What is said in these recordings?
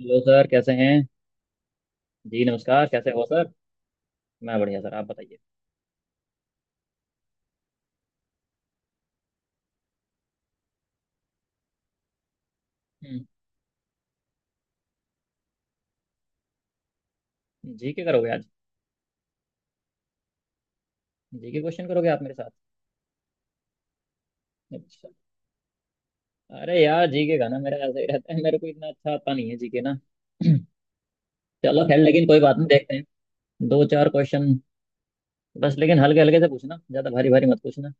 Hello sir, कैसे हैं? जी नमस्कार, कैसे हो सर? मैं बढ़िया सर, आप बताइए। हम्म। जी के करोगे आज? जी के क्वेश्चन करोगे आप मेरे साथ? अच्छा। अरे यार, जी के का ना मेरा ऐसे ही रहता है, मेरे को इतना अच्छा आता नहीं है जी के ना। चलो खैर, लेकिन कोई बात नहीं, देखते हैं। दो चार क्वेश्चन। बस लेकिन हल्के हल्के से पूछना, ज्यादा भारी भारी मत पूछना।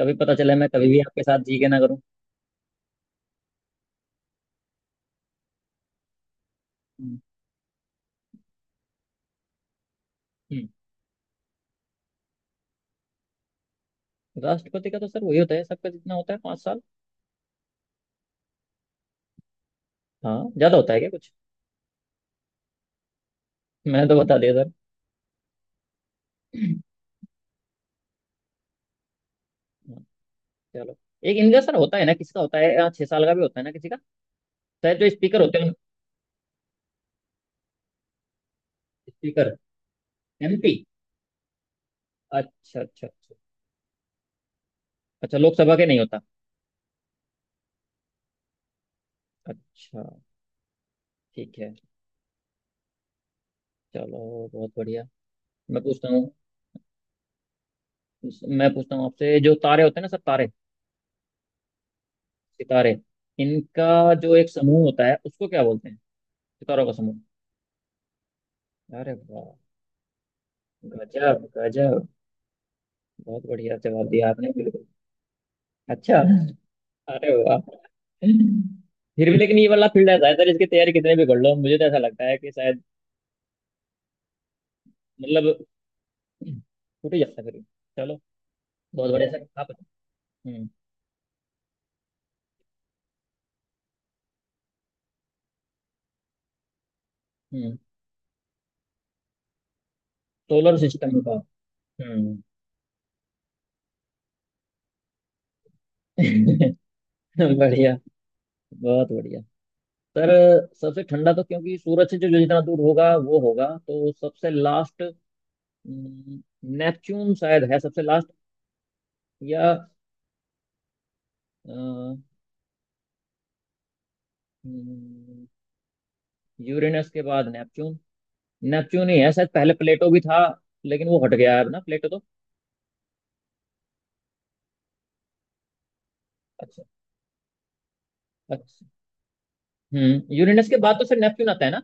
कभी पता चले मैं कभी भी आपके साथ जी के ना करूँ। हम्म हम्म। राष्ट्रपति का तो सर वही होता है सबका, जितना होता है, 5 साल। हाँ, ज्यादा होता है क्या कुछ? मैं तो बता दिया सर। चलो। एक इनका सर होता है ना, किसका होता है, यहाँ 6 साल का भी होता है ना किसी का। शायद जो स्पीकर होते हैं। स्पीकर। MP। अच्छा अच्छा अच्छा। अच्छा, लोकसभा के नहीं होता? अच्छा। ठीक है। चलो बहुत बढ़िया। मैं पूछता हूँ। मैं पूछता हूँ आपसे, जो तारे होते हैं ना सर, तारे, सितारे, इनका जो एक समूह होता है उसको क्या बोलते हैं? सितारों का समूह? अरे वाह! गजब गजब। बहुत बढ़िया जवाब दिया आपने, बिल्कुल। अच्छा, अरे वाह। फिर भी लेकिन ये वाला फील्ड ऐसा है सर, इसकी तैयारी कितने भी कर लो मुझे तो ऐसा लगता है कि शायद मतलब छूट ही जाता है फिर। चलो बहुत बढ़िया सर, आप बताओ। हम्म हम्म। सोलर सिस्टम का। हम्म। बढ़िया। बहुत बढ़िया सर। सबसे ठंडा, तो क्योंकि सूरज से जो जो जितना दूर होगा वो होगा तो सबसे लास्ट। नेपच्यून शायद है सबसे लास्ट, या यूरेनस के बाद नेपच्यून। नेपच्यून ही है शायद, पहले प्लेटो भी था लेकिन वो हट गया है अब ना प्लेटो तो। अच्छा अच्छा। यूरेनस के बाद तो फिर नेपच्यून आता है ना?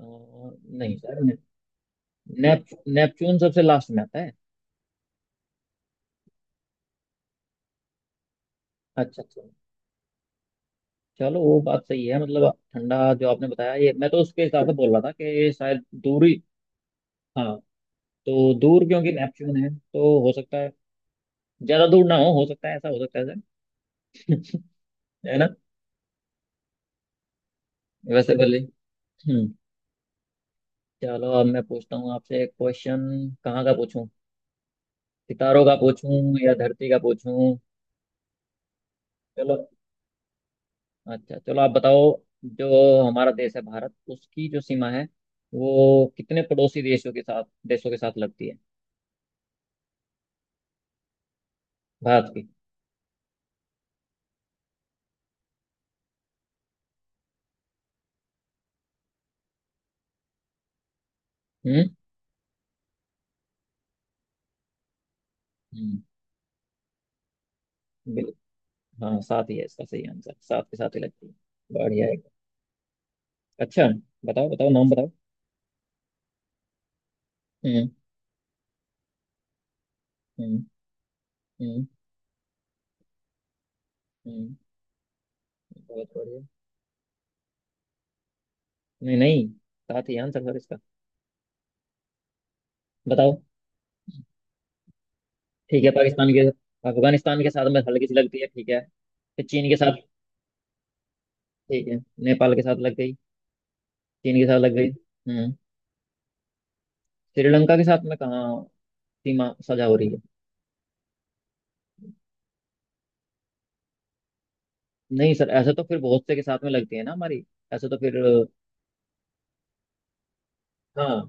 अ, नहीं सर, नेप, नेपच्यून सबसे लास्ट में आता है। अच्छा अच्छा। चलो, वो बात सही है, मतलब ठंडा जो आपने बताया ये मैं तो उसके हिसाब से बोल रहा था कि शायद दूरी। हाँ। तो दूर क्योंकि नेपच्यून है तो हो सकता है, ज्यादा दूर ना हो सकता है, ऐसा हो सकता है सर, है ना, वैसे भले। हम्म। चलो, अब मैं पूछता हूँ आपसे एक क्वेश्चन। कहाँ का पूछूं? सितारों का पूछूं या धरती का पूछूं? चलो अच्छा, चलो आप बताओ। जो हमारा देश है भारत, उसकी जो सीमा है वो कितने पड़ोसी देशों के साथ लगती है? भारत की। हम्म हम्म, बिल्कुल। हाँ, 7 ही है इसका सही आंसर, सात के साथ ही लगती है। बढ़िया है। अच्छा, बताओ बताओ, नाम बताओ। हम्म। हम्म। हम्म। हम्म। बहुत बढ़िया। नहीं नहीं, साथ ही आंसर सर इसका। बताओ। ठीक है, पाकिस्तान के, अफगानिस्तान के साथ में हल्की सी लगती है, ठीक है। फिर चीन के साथ। ठीक है, नेपाल के साथ लग गई। चीन के साथ लग गई। हम्म। श्रीलंका के साथ में कहाँ? सीमा सजा हो रही है? नहीं सर, ऐसा तो फिर बहुत से के साथ में लगती है ना हमारी, ऐसा तो फिर हाँ।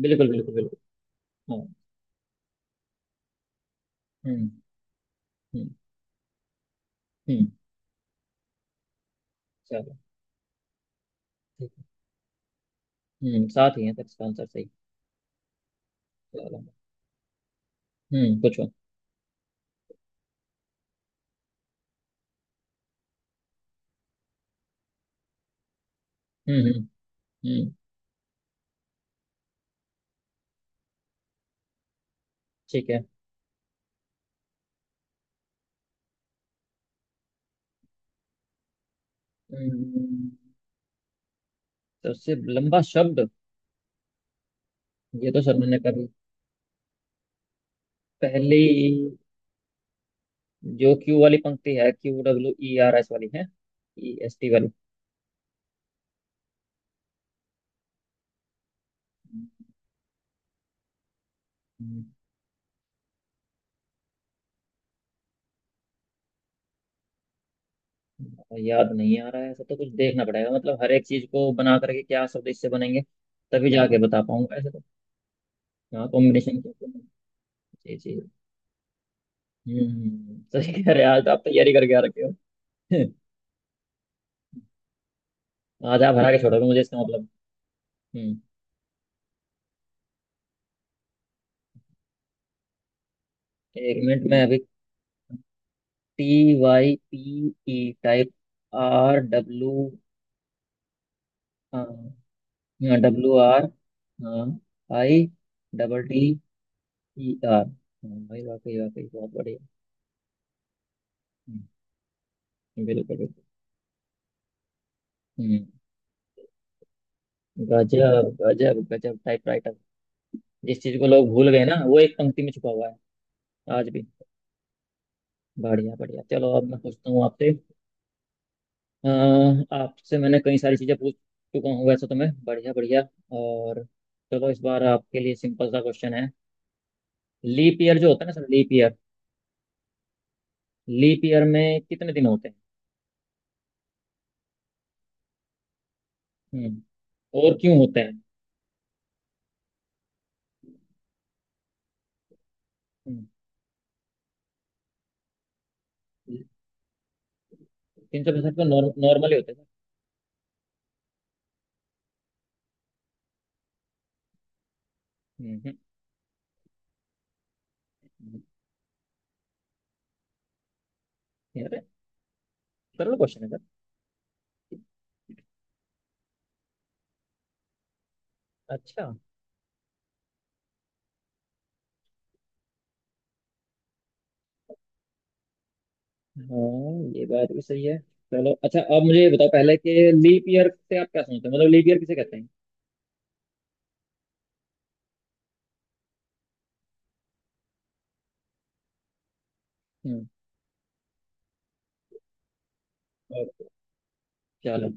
बिल्कुल बिल्कुल बिल्कुल। हाँ। हम्म हम्म हम्म। चलो ठीक है। साथ ही है सर इसका आंसर सही। चलो। हम्म, पूछो। हम्म हम्म हम्म। ठीक है। हम्म, सबसे लंबा शब्द, ये तो सर मैंने कभी। पहली। जो क्यू वाली पंक्ति है, Q W E R S वाली है। ई एस टी वाली। याद नहीं आ रहा है, ऐसा तो कुछ देखना पड़ेगा मतलब हर एक चीज को बना करके, क्या स्वदेश से बनेंगे तभी जाके बता पाऊंगा ऐसे तो। क्या कॉम्बिनेशन क्या? ये चीज। सही कह रहे हैं आज तो, आप तैयारी करके आ रखे हो। आज आप हरा के छोड़ोगे मुझे, इसका मतलब। हम्म। एक मिनट में अभी। T Y P E, type. R W. W R, हाँ, I, double T, E R. हाँ भाई, वाकई वाकई बहुत बढ़िया। हम्म, बिल्कुल बिल्कुल। हम्म, गजब गजब गजब, टाइपराइटर। जिस चीज को लोग भूल गए ना, वो एक पंक्ति में छुपा हुआ है आज भी। बढ़िया बढ़िया, चलो अब मैं पूछता हूँ आपसे। अ, आपसे मैंने कई सारी चीजें पूछ चुका हूँ वैसे तो मैं, बढ़िया बढ़िया, और चलो इस बार आपके लिए सिंपल सा क्वेश्चन है। लीप ईयर जो होता है ना sir, leap year, leap year में कितने दिन होते हैं? हम्म, और क्यों होते हैं? हम्म। तीन सौ पैंसठ तो नॉर्मली होते हैं सर। हम्म हम्म, हम्म। यार, कर लो, क्वेश्चन है सर। अच्छा, हाँ ये बात भी सही है। चलो अच्छा, अब मुझे ये बताओ पहले कि लीप ईयर से आप क्या समझते हो, मतलब लीप ईयर किसे कहते हैं? हम्म। ओके, चलो,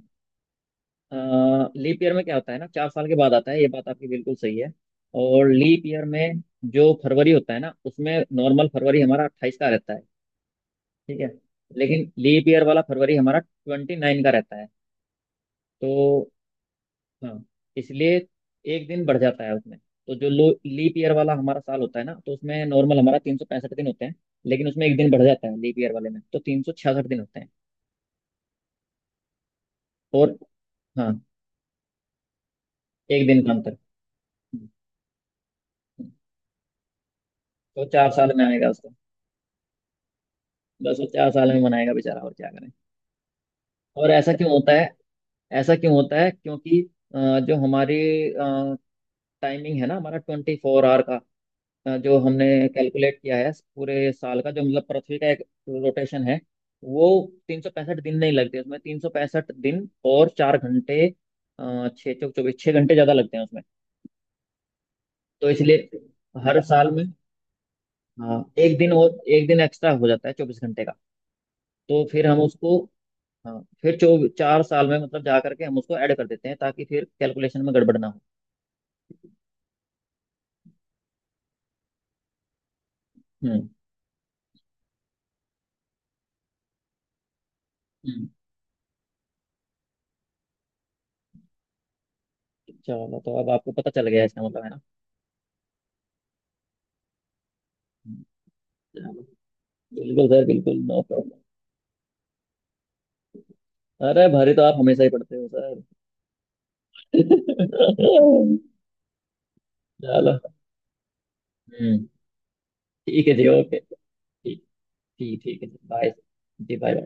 लीप ईयर में क्या होता है ना, 4 साल के बाद आता है, ये बात आपकी बिल्कुल सही है। और लीप ईयर में जो फरवरी होता है ना उसमें, नॉर्मल फरवरी हमारा 28 का रहता है, ठीक है। लेकिन लीप ईयर वाला फरवरी हमारा 29 का रहता है तो। हाँ, इसलिए एक दिन बढ़ जाता है उसमें, तो जो लो लीप ईयर वाला हमारा साल होता है ना, तो उसमें नॉर्मल हमारा 365 दिन होते हैं। लेकिन उसमें एक दिन बढ़ जाता है लीप ईयर वाले में, तो 366 दिन होते हैं। और, हाँ, एक दिन का अंतर। हम्म, हम्म। तो 4 साल में आएगा उसको, बस वो 4 साल में मनाएगा बेचारा, और क्या करें। और ऐसा क्यों होता है? ऐसा क्यों होता है क्योंकि जो हमारी टाइमिंग है ना, हमारा ट्वेंटी फोर आवर का, जो हमने कैलकुलेट किया है पूरे साल का, जो मतलब पृथ्वी का एक रोटेशन है वो, तीन सौ पैंसठ दिन नहीं लगते उसमें, 365 दिन और 4 घंटे, छः चौक चौबीस, 6 घंटे ज़्यादा लगते हैं उसमें। तो इसलिए हर साल में, हाँ, एक दिन और, एक दिन एक्स्ट्रा हो जाता है 24 घंटे का। तो फिर हम उसको, हाँ, फिर चौ 4 साल में मतलब जा करके हम उसको ऐड कर देते हैं, ताकि फिर कैलकुलेशन में गड़बड़ ना हो। हम्म हम्म। चलो, तो अब आपको पता चल गया इसका मतलब, है ना? हम्म। चलो बिल्कुल सर बिल्कुल, नो प्रॉब्लम। अरे, भारी तो आप हमेशा ही पढ़ते हो सर। चलो। हम्म, ठीक है जी, ओके। ठीक, ठीक ठीक है, बाय। जी, बाय।